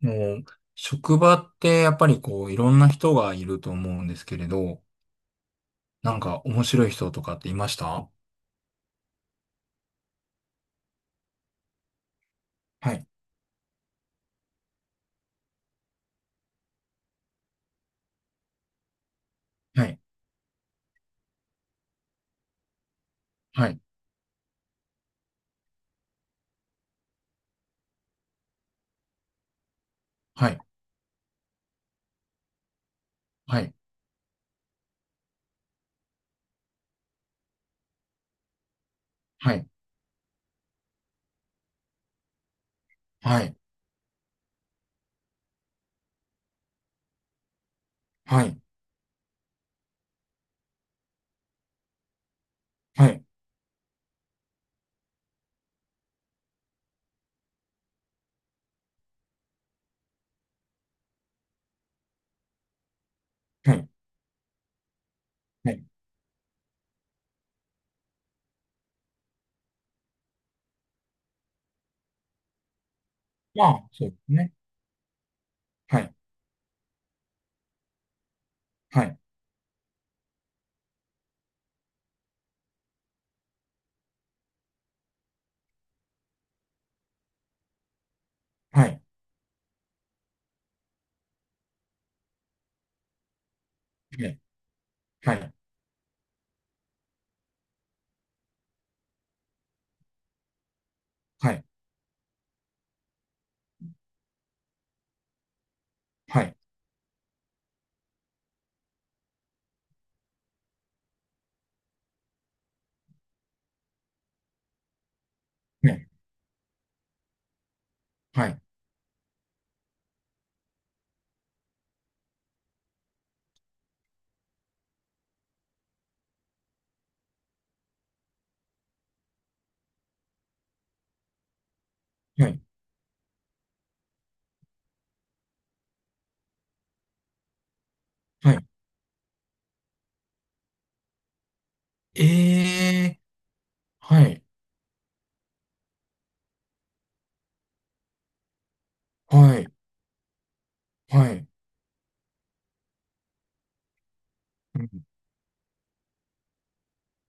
もう、職場ってやっぱりこう、いろんな人がいると思うんですけれど、なんか面白い人とかっていました？はい。はい。はい。はい。はい。はい。はい。はい。はい。はい。はい。まあ、そうですね。はい。はい。はい。はい。はい。はい。はい。はい。はい。はい。はい。ええー、はい。はい。はい。うん。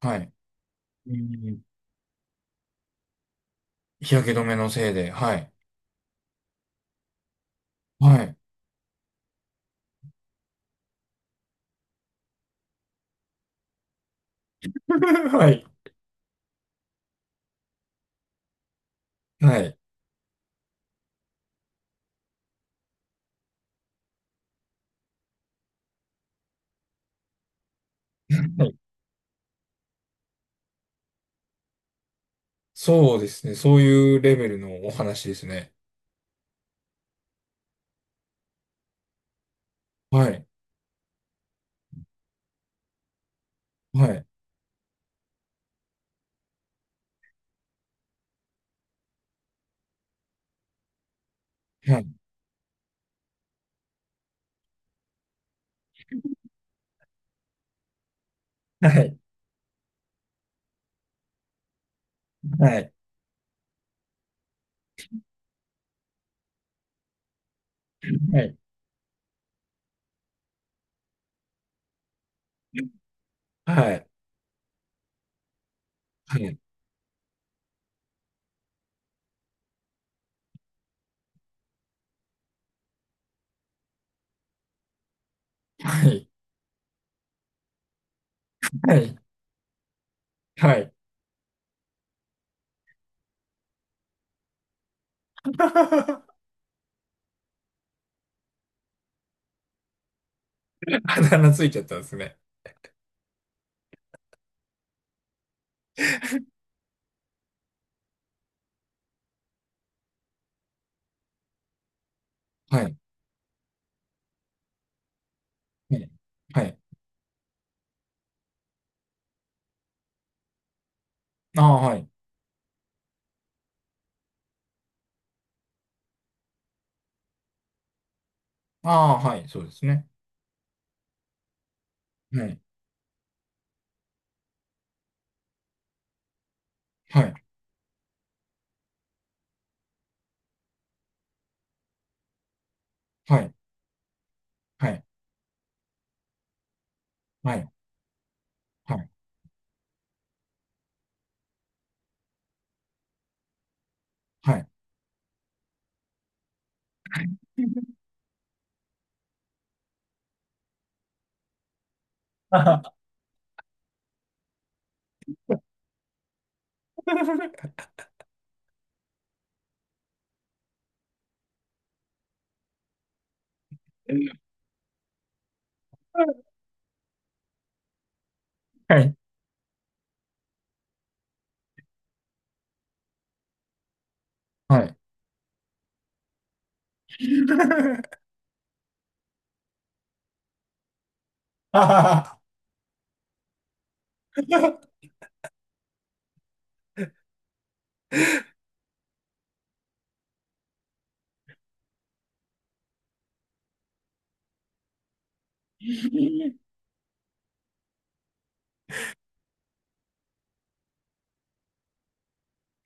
はい。うん。日焼け止めのせいで、はい。はい。はい。はい。そうですね。そういうレベルのお話ですね。はい。はい。はい。はい。はい。はい。はい。はい。はい。はい。はい。あだ名ついちゃったんですね。はい。はい。はい。ああ、はい。ああ、はい。そうですね。はい。はい。はい。はい。はい。はい。はい。あはは。はい。はい。あはは。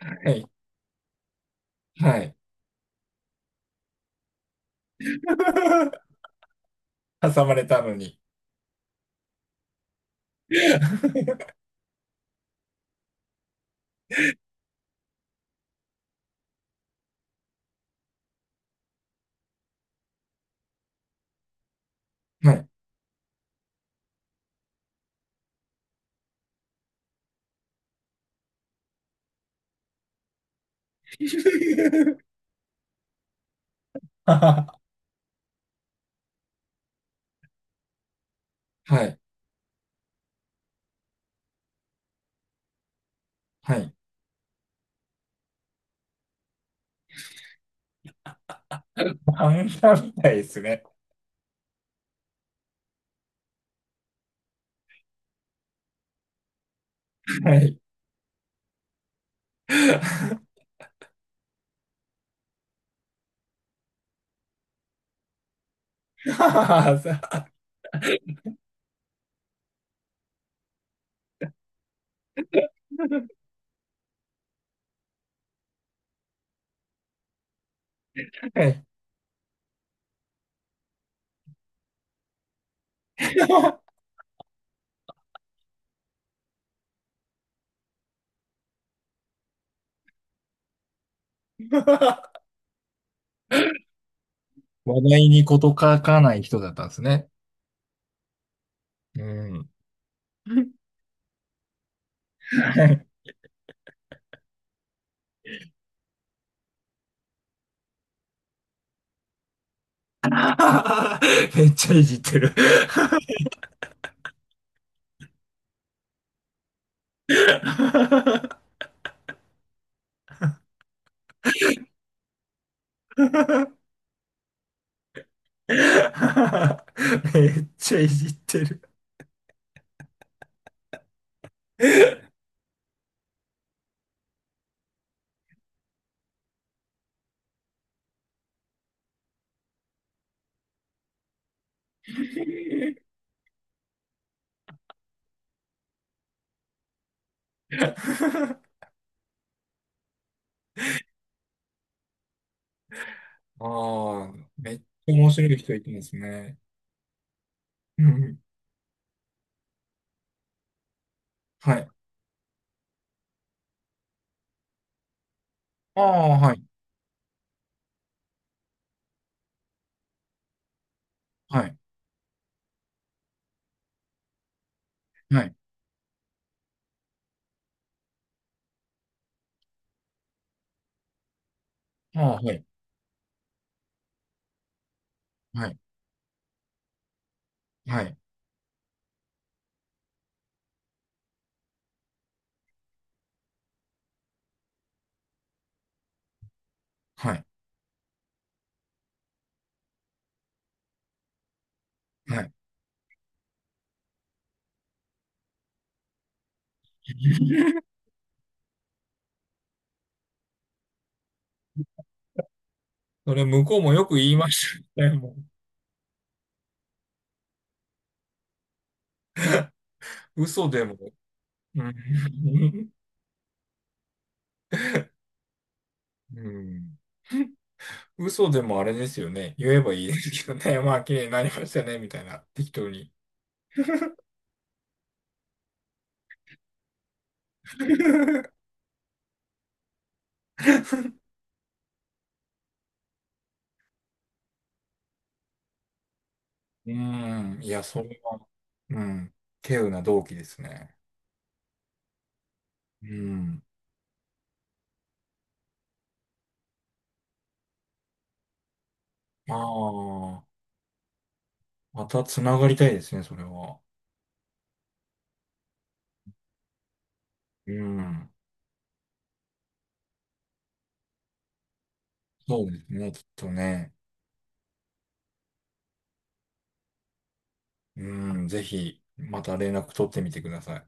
はい。はい。挟まれたのに。はい。は。はい。はい。漫画みたいですね。はい。はさ。はい。話題に事欠かない人だったんですね。うん。はい。めっちゃいじってる。めっちゃいじってる。ああ、めっちゃ面白い人いてますね。うん。はい。ああ、はい。はい。はい。ああ、はい。はい。はい。はい。はい。それ、向こうもよく言いましたね。もう、嘘でも。うん。うん。嘘でもあれですよね。言えばいいですけどね。まあ、綺麗になりましたね、みたいな。適当に。うん。いや、それは、うん。稀有な動機ですね。うん。ああ、また繋がりたいですね、それは。うん。そうですね、きっとね。うん、ぜひ、また連絡取ってみてください。